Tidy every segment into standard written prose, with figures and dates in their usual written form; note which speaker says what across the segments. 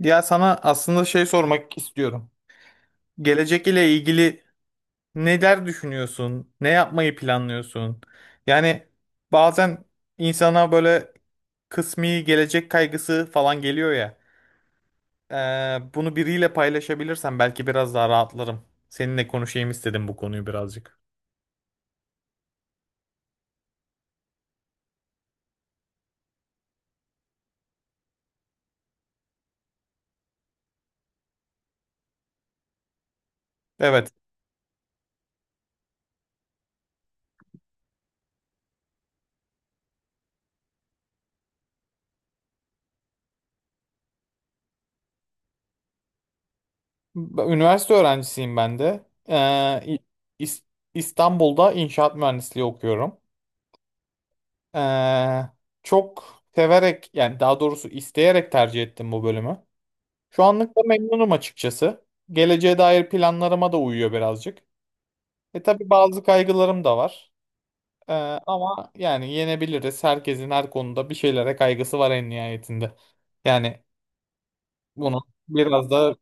Speaker 1: Ya sana aslında şey sormak istiyorum. Gelecek ile ilgili neler düşünüyorsun? Ne yapmayı planlıyorsun? Yani bazen insana böyle kısmi gelecek kaygısı falan geliyor ya. Bunu biriyle paylaşabilirsem belki biraz daha rahatlarım. Seninle konuşayım istedim bu konuyu birazcık. Evet, üniversite öğrencisiyim ben de. İs- İstanbul'da inşaat mühendisliği okuyorum. Ee, çok severek yani daha doğrusu isteyerek tercih ettim bu bölümü. Şu anlık da memnunum açıkçası. Geleceğe dair planlarıma da uyuyor birazcık. E tabii bazı kaygılarım da var. Ee, ama yani yenebiliriz. Herkesin her konuda bir şeylere kaygısı var en nihayetinde. Yani bunu biraz da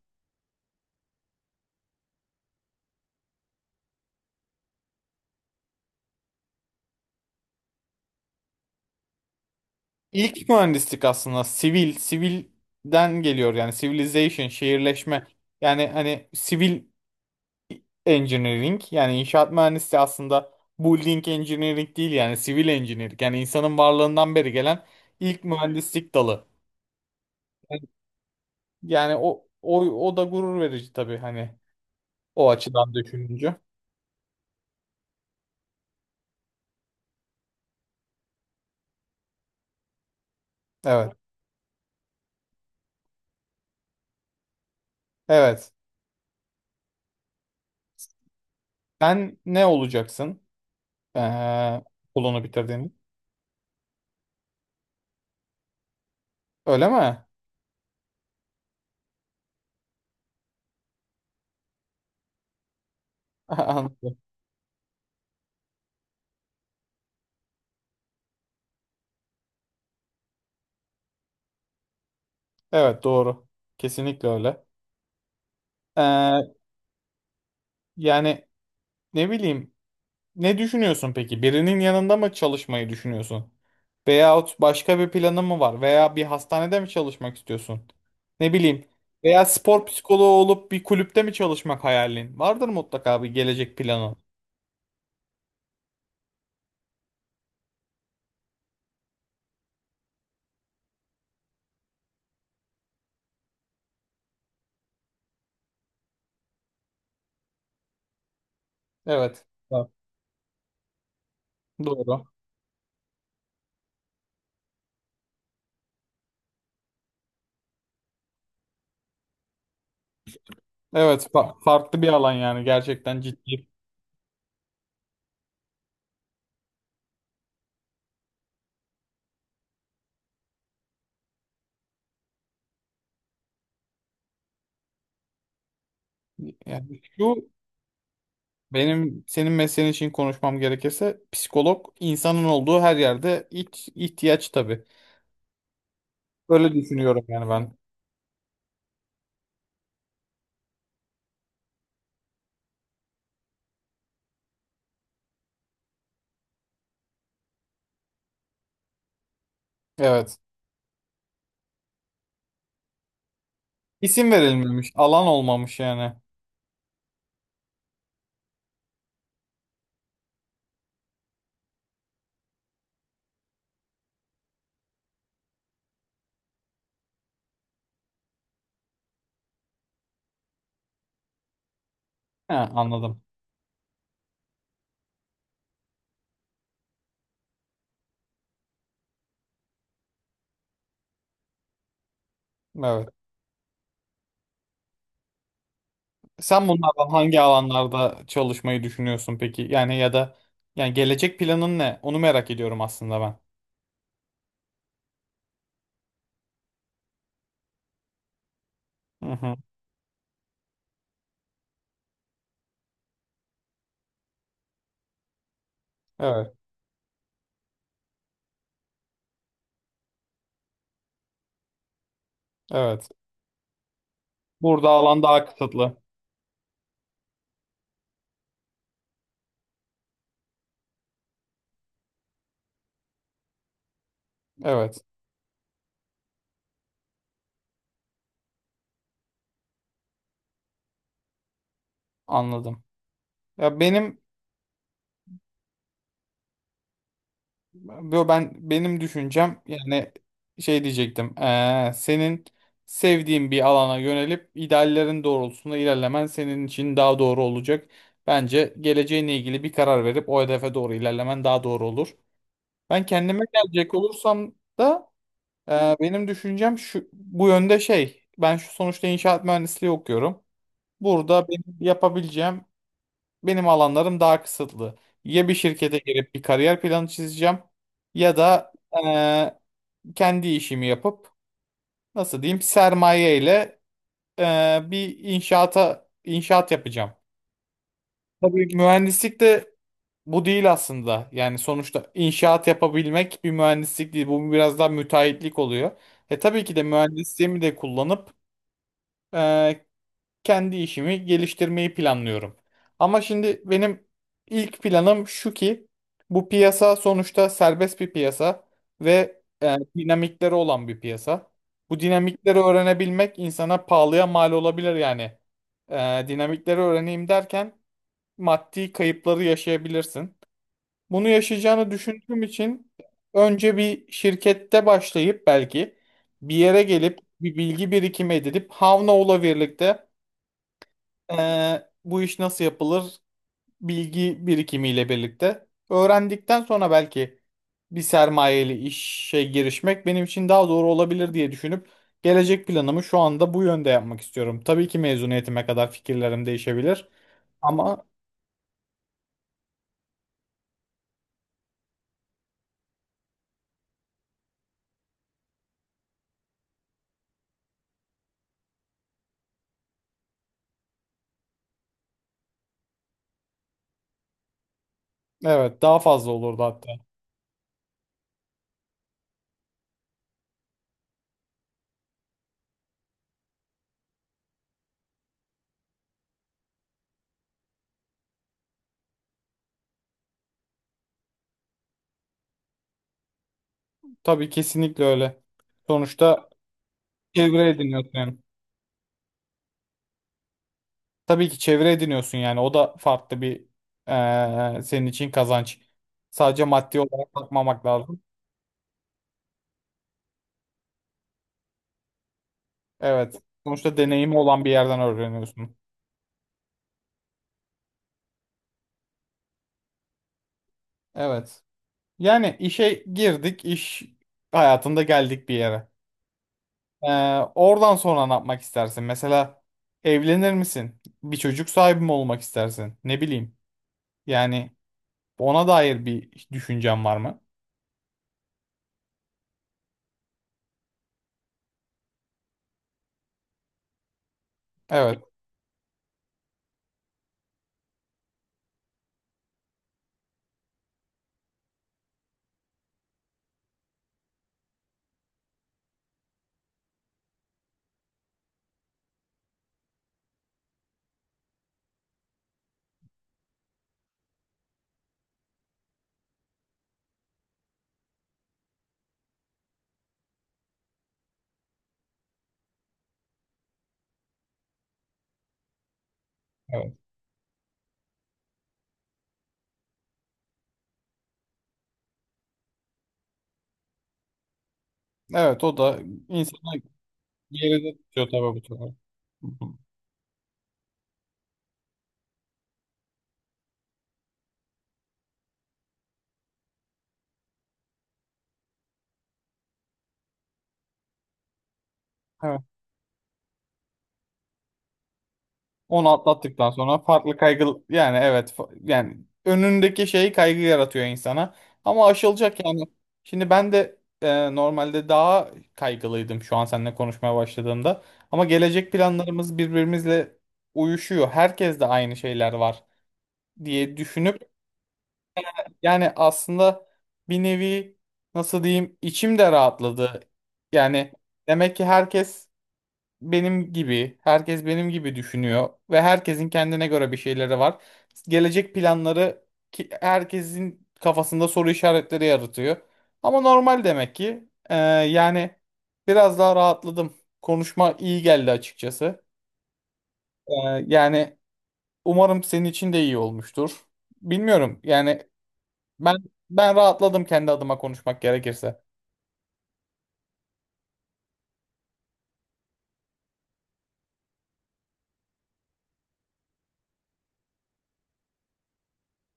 Speaker 1: ilk mühendislik aslında sivil, sivilden geliyor yani civilization, şehirleşme. Yani hani sivil engineering yani inşaat mühendisliği aslında building engineering değil yani sivil engineering yani insanın varlığından beri gelen ilk mühendislik dalı. Yani, yani o da gurur verici tabii hani o açıdan düşününce. Evet. Evet. Sen ne olacaksın? Ee, okulunu bitirdiğin. Öyle mi? Anladım. Evet doğru. Kesinlikle öyle. Ee, yani ne bileyim. Ne düşünüyorsun peki? Birinin yanında mı çalışmayı düşünüyorsun? Veyahut başka bir planın mı var? Veya bir hastanede mi çalışmak istiyorsun? Ne bileyim. Veya spor psikoloğu olup bir kulüpte mi çalışmak hayalin? Vardır mutlaka bir gelecek planı. Evet. Var. Doğru. Evet, farklı bir alan yani gerçekten ciddi. Yani şu benim senin mesleğin için konuşmam gerekirse psikolog insanın olduğu her yerde ilk ihtiyaç tabii. Öyle düşünüyorum yani ben. Evet. İsim verilmemiş. Alan olmamış yani. He, anladım. Evet. Sen bunlardan hangi alanlarda çalışmayı düşünüyorsun peki? Yani ya da yani gelecek planın ne? Onu merak ediyorum aslında ben. Hı hı. Evet. Evet. Burada alan daha kısıtlı. Evet. Anladım. Ya benim Yo, benim düşüncem yani şey diyecektim. Senin sevdiğin bir alana yönelip ideallerin doğrultusunda ilerlemen senin için daha doğru olacak. Bence geleceğinle ilgili bir karar verip o hedefe doğru ilerlemen daha doğru olur. Ben kendime gelecek olursam da benim düşüncem şu bu yönde şey. Ben şu sonuçta inşaat mühendisliği okuyorum. Burada benim alanlarım daha kısıtlı. Ya bir şirkete girip bir kariyer planı çizeceğim ya da eee, kendi işimi yapıp nasıl diyeyim sermaye ile bir inşaata inşaat yapacağım. Tabii mühendislik de bu değil aslında. Yani sonuçta inşaat yapabilmek bir mühendislik değil. Bu biraz daha müteahhitlik oluyor. E tabii ki de mühendisliğimi de kullanıp kendi işimi geliştirmeyi planlıyorum. Ama şimdi benim ilk planım şu ki bu piyasa sonuçta serbest bir piyasa ve dinamikleri olan bir piyasa. Bu dinamikleri öğrenebilmek insana pahalıya mal olabilir yani. Dinamikleri öğreneyim derken maddi kayıpları yaşayabilirsin. Bunu yaşayacağını düşündüğüm için önce bir şirkette başlayıp belki bir yere gelip bir bilgi birikimi edinip Havnao'la birlikte bu iş nasıl yapılır bilgi birikimiyle birlikte öğrendikten sonra belki bir sermayeli işe girişmek benim için daha doğru olabilir diye düşünüp gelecek planımı şu anda bu yönde yapmak istiyorum. Tabii ki mezuniyetime kadar fikirlerim değişebilir ama evet daha fazla olurdu hatta. Tabii kesinlikle öyle. Sonuçta çevre ediniyorsun yani. Tabii ki çevre ediniyorsun yani o da farklı bir senin için kazanç. Sadece maddi olarak bakmamak lazım. Evet. Sonuçta deneyimi olan bir yerden öğreniyorsun. Evet. Yani işe girdik, iş hayatında geldik bir yere. Ee, oradan sonra ne yapmak istersin? Mesela evlenir misin? Bir çocuk sahibi mi olmak istersin? Ne bileyim. Yani ona dair bir düşüncen var mı? Evet. Evet. Evet o da insanı geride tutuyor tabii bu sefer. Hı hı. Onu atlattıktan sonra farklı kaygı yani evet yani önündeki şey kaygı yaratıyor insana. Ama aşılacak yani. Şimdi ben de normalde daha kaygılıydım şu an seninle konuşmaya başladığımda. Ama gelecek planlarımız birbirimizle uyuşuyor. Herkes de aynı şeyler var diye düşünüp yani aslında bir nevi nasıl diyeyim içim de rahatladı. Yani demek ki herkes benim gibi, herkes benim gibi düşünüyor ve herkesin kendine göre bir şeyleri var. Gelecek planları ki herkesin kafasında soru işaretleri yaratıyor. Ama normal demek ki. Yani biraz daha rahatladım. Konuşma iyi geldi açıkçası. Ee, yani umarım senin için de iyi olmuştur. Bilmiyorum. Yani ben ben rahatladım kendi adıma konuşmak gerekirse.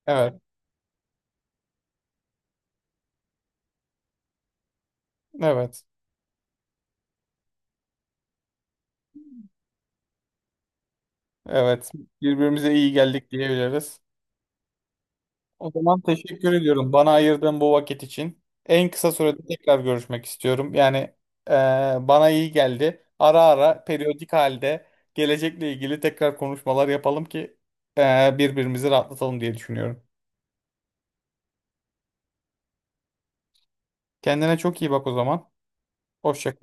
Speaker 1: Evet, evet, evet. Birbirimize iyi geldik diyebiliriz. O zaman teşekkür ediyorum bana ayırdığın bu vakit için. En kısa sürede tekrar görüşmek istiyorum. Yani e, bana iyi geldi. Ara ara periyodik halde gelecekle ilgili tekrar konuşmalar yapalım ki birbirimizi rahatlatalım diye düşünüyorum. Kendine çok iyi bak o zaman. Hoşça